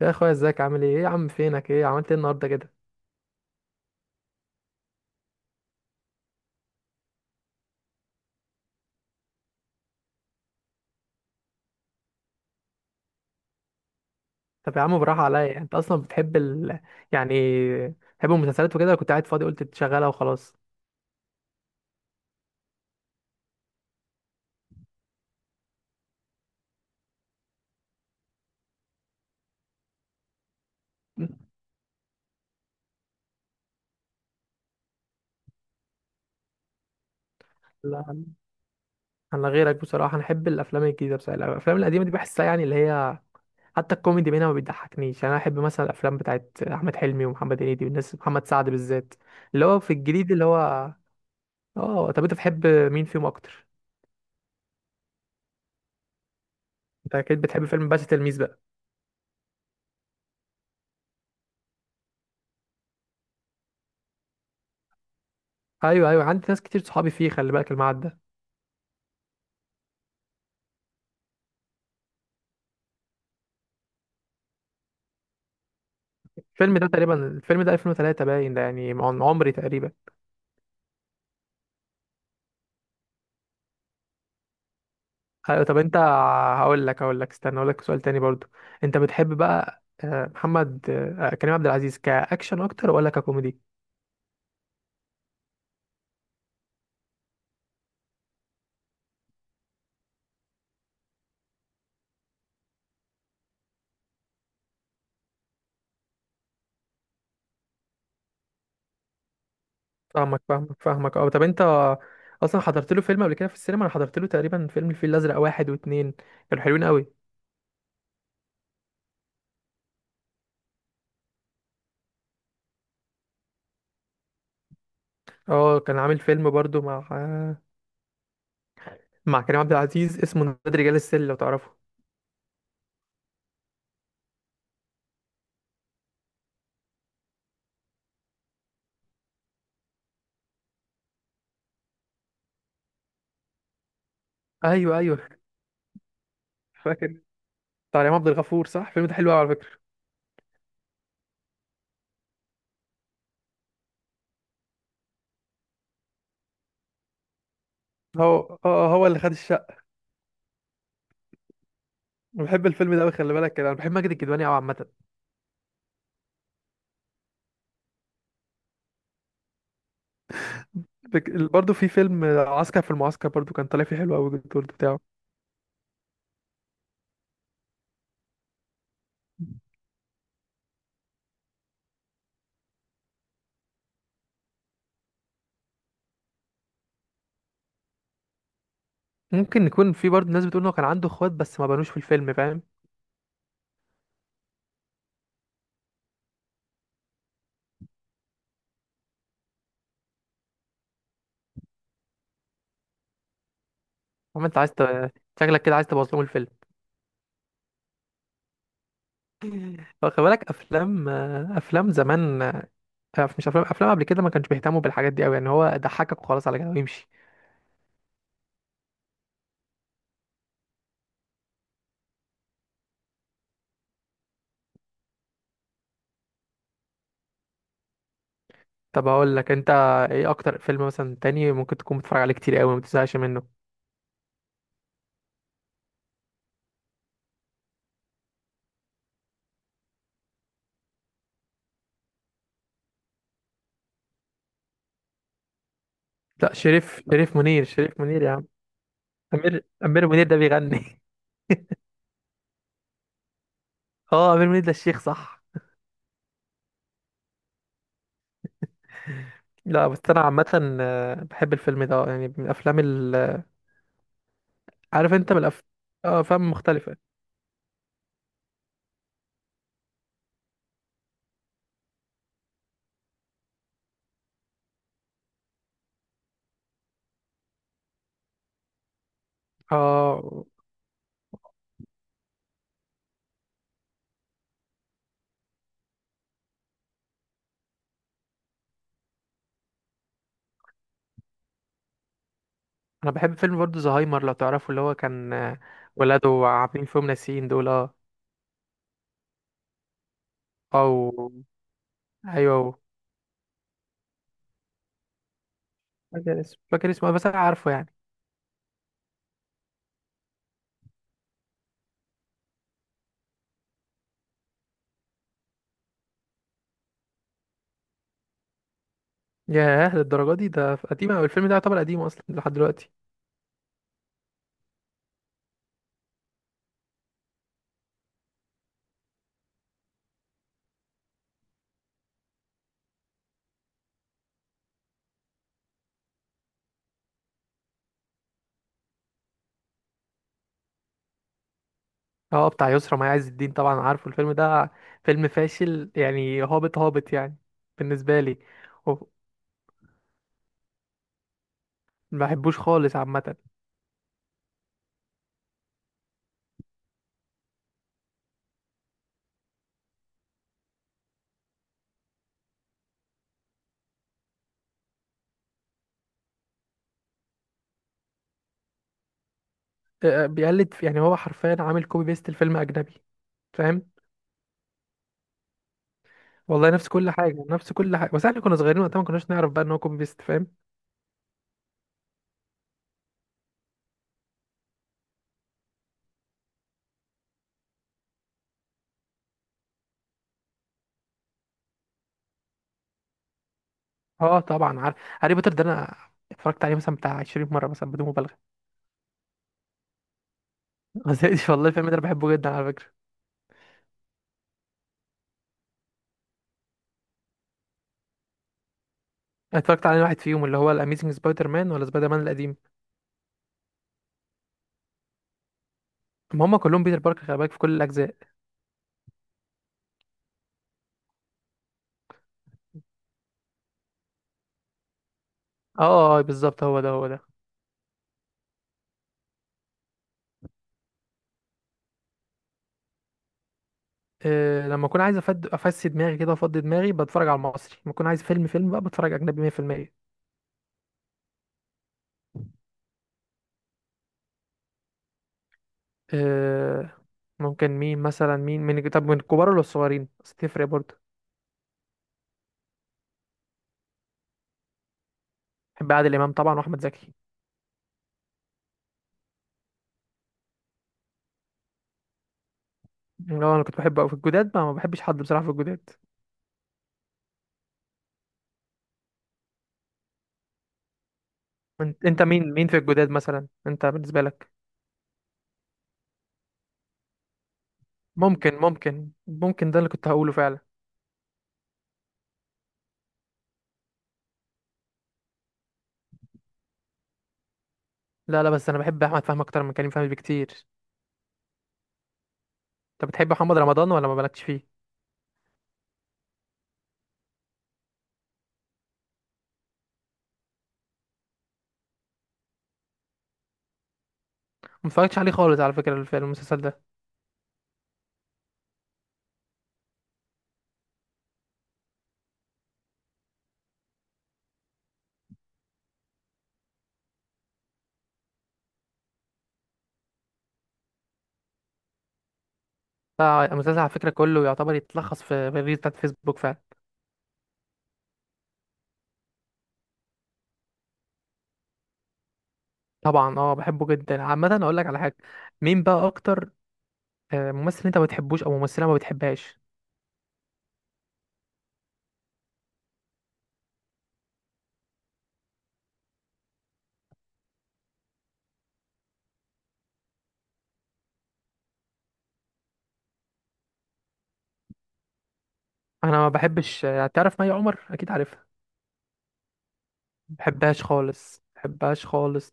يا اخويا، ازيك؟ عامل ايه يا عم؟ فينك؟ ايه عملت ايه النهارده كده؟ طب يا عم براحه عليا، يعني انت اصلا بتحب يعني بتحب المسلسلات وكده؟ كنت قاعد فاضي قلت تشغلها وخلاص؟ لا، انا غيرك بصراحه، انا احب الافلام الجديده. بصراحه الافلام القديمه دي بحسها يعني اللي هي حتى الكوميدي منها ما بيضحكنيش، يعني انا احب مثلا الافلام بتاعت احمد حلمي ومحمد هنيدي والناس، محمد سعد بالذات اللي هو في الجديد اللي هو. اه طب انت بتحب مين فيهم اكتر؟ انت اكيد بتحب فيلم باشا تلميذ بقى. ايوه ايوه، عندي ناس كتير صحابي فيه، خلي بالك المعدة. الفيلم ده تقريبا الفيلم ده 2003 باين ده، يعني من عمري تقريبا. أيوة، طب انت، هقول لك، استنى اقول لك سؤال تاني برضو. انت بتحب بقى محمد آه، كريم عبد العزيز كاكشن اكتر ولا ككوميدي؟ فاهمك فاهمك فاهمك، اه طب انت اصلا حضرت له فيلم قبل كده في السينما؟ انا حضرت له تقريبا فيلم الفيل الازرق واحد واتنين، كانوا حلوين قوي. اه، كان عامل فيلم برضو مع كريم عبد العزيز، اسمه نادي رجال السل، لو تعرفه. ايوه ايوه، فاكر. بتاع ريهام عبد الغفور صح، الفيلم ده حلو قوي على فكره. هو اللي خد. أنا بحب الفيلم ده قوي، خلي بالك كده. انا بحب ماجد الكدواني قوي عامه. برضه في فيلم عسكر في المعسكر برضه، كان طالع فيه حلو قوي الدور بتاعه. ممكن يكون في برضه ناس بتقول انه كان عنده اخوات بس ما بانوش في الفيلم، فاهم؟ عم انت عايز شكلك كده عايز تبوظ لهم الفيلم. هو خلي بالك افلام، افلام زمان، مش افلام قبل كده ما كانش بيهتموا بالحاجات دي قوي، يعني هو ضحكك وخلاص على كده ويمشي. طب اقول لك، انت ايه اكتر فيلم مثلا تاني ممكن تكون بتتفرج عليه كتير قوي ما بتزهقش منه؟ لا، شريف منير يا عم. امير منير ده بيغني. اه، امير منيب ده الشيخ صح. لا بس انا عامه بحب الفيلم ده، يعني من الافلام ال... آه، عارف انت من اه، افلام مختلفه. اه، انا بحب فيلم برضه زهايمر لو تعرفه، اللي هو كان، ولاده عاملين فيهم ناسيين دول، اه. او ايوه، فاكر اسمه، فاكر اسمه، بس انا عارفه يعني. ياه للدرجه دي؟ ده قديم أوي، الفيلم ده يعتبر قديم اصلا لحد دلوقتي. اه بتاع يسرا مي عز الدين، طبعا عارفه الفيلم ده. فيلم فاشل يعني، هابط هابط يعني، بالنسبه لي. و- ما بحبوش خالص عامه. بيقلد يعني هو حرفيا عامل كوبي بيست الفيلم اجنبي، فاهم؟ والله نفس كل حاجه، نفس كل حاجه، بس احنا كنا صغيرين وقتها ما كناش نعرف بقى ان هو كوبي بيست، فاهم؟ اه طبعا عارف هاري بوتر ده. انا اتفرجت عليه مثلا بتاع 20 مره مثلا، بدون مبالغه. ما زهقتش والله، الفيلم ده انا بحبه جدا على فكره. أنا اتفرجت على واحد فيهم، اللي هو الاميزنج سبايدر مان، ولا سبايدر مان القديم. ما هم كلهم بيتر باركر، خلي بالك، في كل الاجزاء. اه اه، بالظبط، هو ده هو ده. إيه، لما اكون عايز افسي دماغي كده وافضي دماغي بتفرج على المصري، لما اكون عايز فيلم فيلم بقى بتفرج اجنبي. 100%. ممكن مين مثلا، مين طب من الكبار ولا الصغيرين؟ بس تفرق برضه. بحب عادل امام طبعا واحمد زكي. اللي هو انا كنت بحبه أوي في الجداد، ما بحبش حد بصراحه في الجداد. أنت مين في الجداد مثلا انت بالنسبه لك؟ ممكن ده اللي كنت هقوله فعلا. لا لا، بس انا بحب احمد فهمي اكتر من كريم فهمي بكتير. انت بتحب محمد رمضان ولا ما بالكش فيه؟ ما اتفرجتش عليه خالص على فكره في المسلسل ده. لا، المسلسل على فكره كله يعتبر يتلخص في الريلز بتاعت فيسبوك فعلا. طبعا اه، بحبه جدا عامه. اقول لك على حاجه، مين بقى اكتر ممثل انت ما بتحبوش او ممثله ما بتحبهاش؟ انا ما بحبش، تعرف مي عمر؟ اكيد عارفها. ما بحبهاش خالص، ما بحبهاش خالص.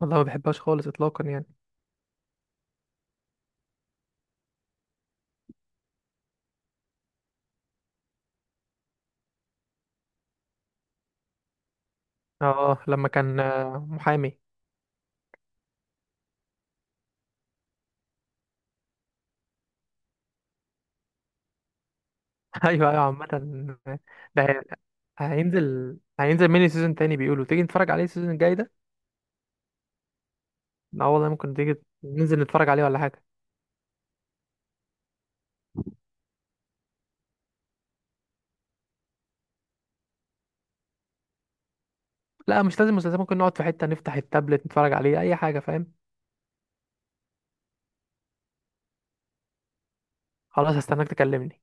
والله ما بحبهاش خالص اطلاقا يعني. اه لما كان محامي. ايوه ايوه عامه، ده هينزل ميني سيزون تاني بيقولوا، تيجي نتفرج عليه السيزون الجاي ده؟ اه والله، ممكن تيجي ننزل نتفرج عليه ولا حاجه؟ لا مش لازم مسلسل، ممكن نقعد في حته نفتح التابلت نتفرج عليه اي حاجه، فاهم؟ خلاص، هستناك تكلمني.